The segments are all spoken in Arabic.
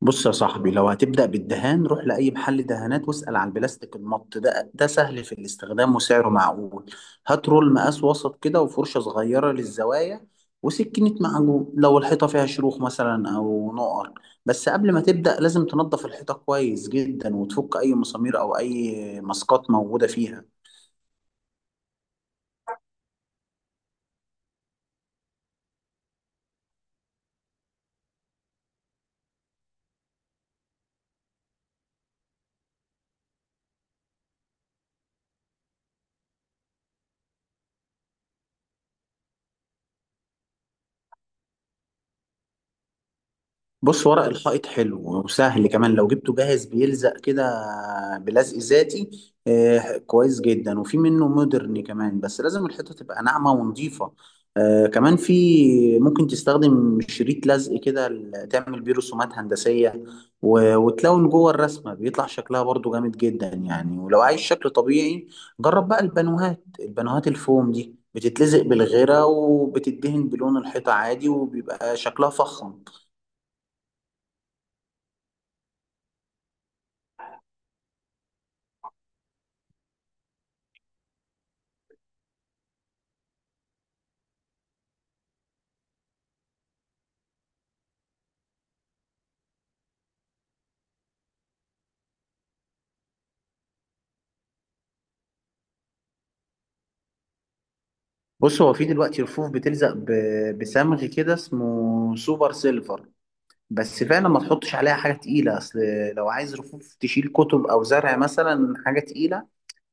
بص يا صاحبي، لو هتبدأ بالدهان روح لأي محل دهانات واسأل عن البلاستيك المط ده سهل في الاستخدام وسعره معقول. هات رول مقاس وسط كده وفرشة صغيرة للزوايا وسكينة معجون لو الحيطة فيها شروخ مثلا أو نقر. بس قبل ما تبدأ لازم تنظف الحيطة كويس جدا وتفك أي مسامير أو أي ماسكات موجودة فيها. بص، ورق الحائط حلو وسهل كمان لو جبته جاهز بيلزق كده، بلزق ذاتي. آه، كويس جدا، وفي منه مودرن كمان بس لازم الحيطة تبقى ناعمة ونظيفة. آه، كمان في ممكن تستخدم شريط لزق كده تعمل بيه رسومات هندسية، و- وتلون جوه الرسمة بيطلع شكلها برضو جامد جدا، يعني ولو عايز شكل طبيعي جرب بقى البانوهات الفوم دي بتتلزق بالغيرة وبتدهن بلون الحيطة عادي وبيبقى شكلها فخم. بص هو في دلوقتي رفوف بتلزق بصمغ كده اسمه سوبر سيلفر. بس فعلا ما تحطش عليها حاجة تقيلة أصل. لو عايز رفوف تشيل كتب أو زرع مثلا حاجة تقيلة،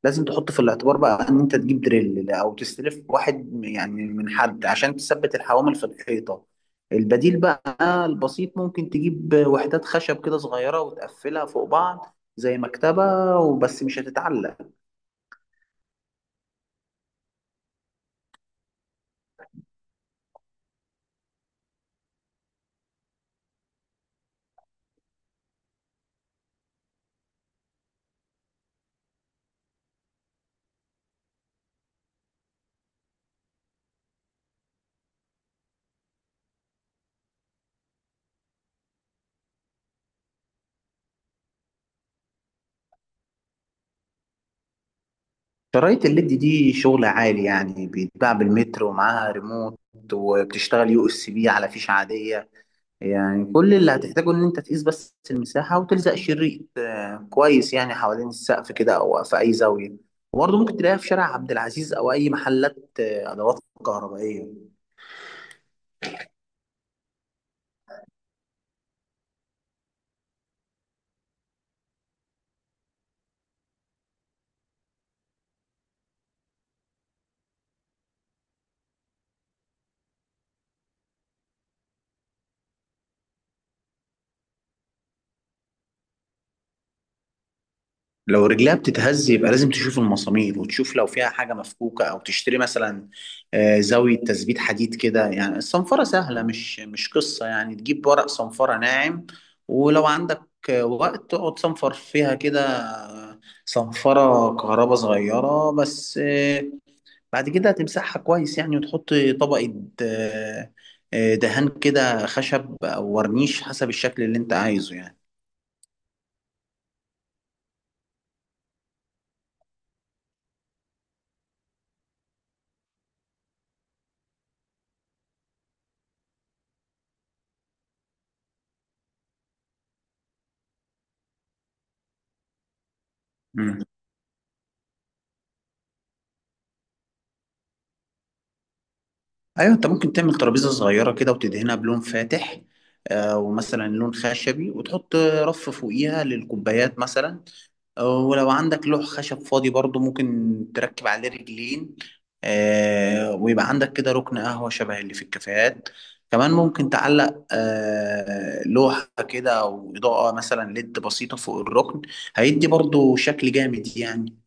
لازم تحط في الاعتبار بقى إن أنت تجيب دريل أو تستلف واحد يعني من حد عشان تثبت الحوامل في الحيطة. البديل بقى البسيط ممكن تجيب وحدات خشب كده صغيرة وتقفلها فوق بعض زي مكتبة وبس، مش هتتعلق. شرايط الليد دي شغل عالي يعني، بيتباع بالمتر ومعاها ريموت وبتشتغل USB على فيش عادية. يعني كل اللي هتحتاجه ان انت تقيس بس المساحة وتلزق شريط كويس يعني حوالين السقف كده او في اي زاوية. وبرضه ممكن تلاقيها في شارع عبد العزيز او اي محلات ادوات كهربائية. لو رجلها بتتهز يبقى لازم تشوف المسامير وتشوف لو فيها حاجة مفكوكة، أو تشتري مثلا زاوية تثبيت حديد كده. يعني الصنفرة سهلة، مش قصة، يعني تجيب ورق صنفرة ناعم ولو عندك وقت تقعد صنفر فيها كده، صنفرة كهرباء صغيرة بس. بعد كده هتمسحها كويس يعني وتحط طبقة آه، دهان كده خشب أو ورنيش حسب الشكل اللي أنت عايزه يعني. ايوه، انت ممكن تعمل ترابيزه صغيره كده وتدهنها بلون فاتح، ومثلا لون خشبي، وتحط رف فوقيها للكوبايات مثلا. ولو عندك لوح خشب فاضي برضو ممكن تركب عليه رجلين، ويبقى عندك كده ركن قهوه شبه اللي في الكافيهات. كمان ممكن تعلق لوحه كده او اضاءه مثلا ليد بسيطه فوق الركن. هيدي برضو شكل جامد يعني.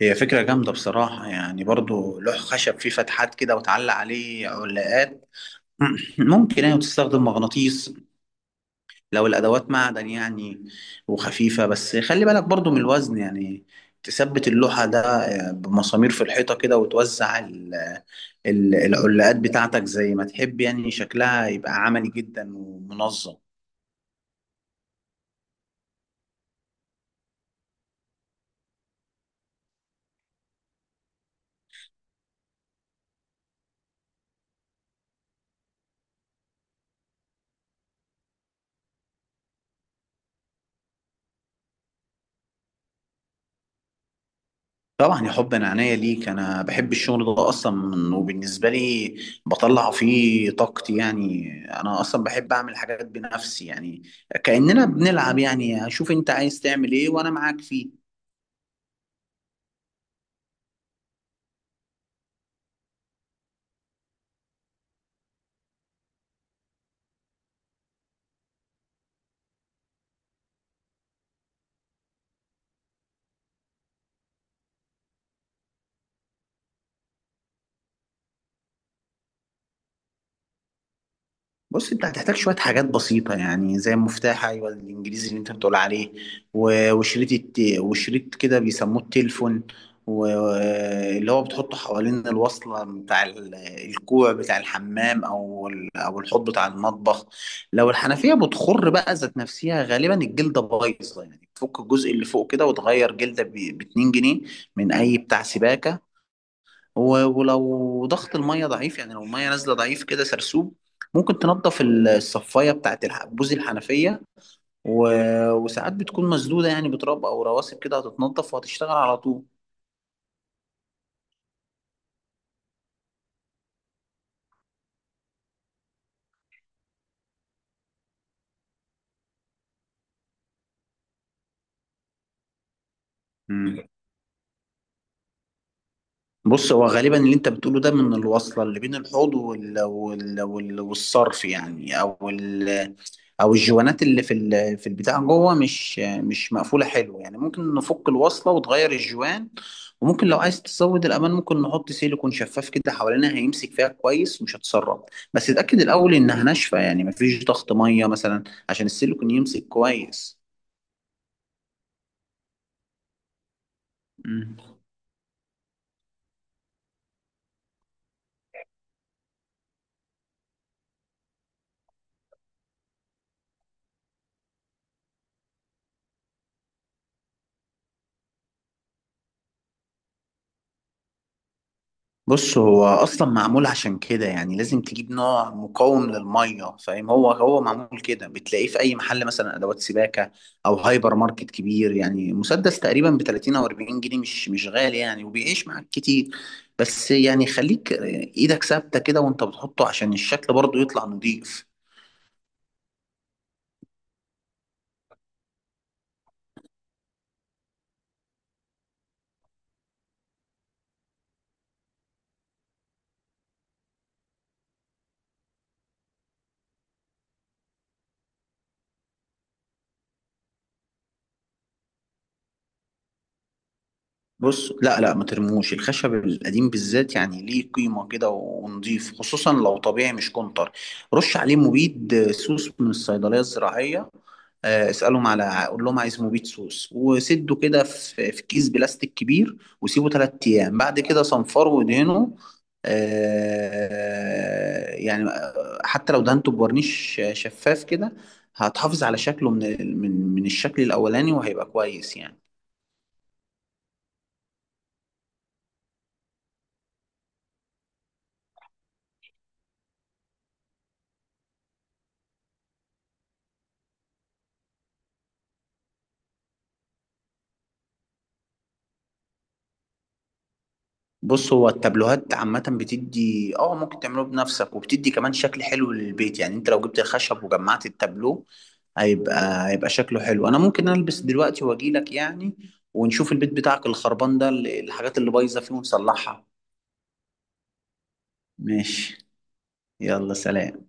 هي فكرة جامدة بصراحة، يعني برضو لوح خشب فيه فتحات كده وتعلق عليه علاقات. ممكن يعني تستخدم مغناطيس لو الأدوات معدن يعني وخفيفة، بس خلي بالك برضو من الوزن يعني. تثبت اللوحة ده بمسامير في الحيطة كده وتوزع العلاقات بتاعتك زي ما تحب، يعني شكلها يبقى عملي جدا ومنظم. طبعا يا حب، انا عينيا ليك. انا بحب الشغل ده اصلا وبالنسبه لي بطلع فيه طاقتي يعني. انا اصلا بحب اعمل حاجات بنفسي يعني كاننا بنلعب. يعني شوف انت عايز تعمل ايه وانا معاك فيه. بص انت هتحتاج شويه حاجات بسيطه يعني زي المفتاح، ايوه، الانجليزي اللي انت بتقول عليه، و- وشريط الت... وشريط كده بيسموه التليفون، واللي هو بتحطه حوالين الوصله بتاع الكوع بتاع الحمام او الحوض بتاع المطبخ. لو الحنفيه بتخر بقى ذات نفسها، غالبا الجلده بايظه يعني. تفك الجزء اللي فوق كده وتغير جلده ب 2 جنيه من اي بتاع سباكه. و- ولو ضغط الميه ضعيف، يعني لو الميه نازله ضعيف كده سرسوب، ممكن تنضف الصفايه بتاعت بوز الحنفيه. و... وساعات بتكون مسدوده يعني بتراب او رواسب كده، هتتنضف وهتشتغل على طول. بص هو غالبا اللي انت بتقوله ده من الوصله اللي بين الحوض وال... وال... وال... والصرف يعني، او الجوانات اللي في البتاع جوه مش مقفوله حلو يعني. ممكن نفك الوصله وتغير الجوان، وممكن لو عايز تزود الامان ممكن نحط سيليكون شفاف كده حوالينها، هيمسك فيها كويس ومش هتسرب. بس اتاكد الاول انها ناشفه، يعني مفيش ضغط ميه مثلا عشان السيليكون يمسك كويس. مم. بص هو اصلا معمول عشان كده، يعني لازم تجيب نوع مقاوم للميه فاهم. هو معمول كده، بتلاقيه في اي محل مثلا ادوات سباكه او هايبر ماركت كبير، يعني مسدس تقريبا ب 30 او 40 جنيه، مش غالي يعني وبيعيش معاك كتير. بس يعني خليك ايدك ثابته كده وانت بتحطه عشان الشكل برضه يطلع نضيف. بص لا لا، ما ترموش الخشب القديم بالذات، يعني ليه قيمة كده ونضيف، خصوصا لو طبيعي مش كونتر. رش عليه مبيد سوس من الصيدلية الزراعية. اسألهم، على قول لهم عايز مبيد سوس، وسده كده في كيس بلاستيك كبير وسيبه 3 أيام، بعد كده صنفره وادهنه. يعني حتى لو دهنته بورنيش شفاف كده، هتحافظ على شكله من الشكل الأولاني وهيبقى كويس يعني. بص هو التابلوهات عامة بتدي ممكن تعمله بنفسك وبتدي كمان شكل حلو للبيت يعني. انت لو جبت الخشب وجمعت التابلو هيبقى شكله حلو. انا ممكن البس دلوقتي واجيلك يعني، ونشوف البيت بتاعك الخربان ده، الحاجات اللي بايظة فيه ونصلحها. ماشي. يلا سلام.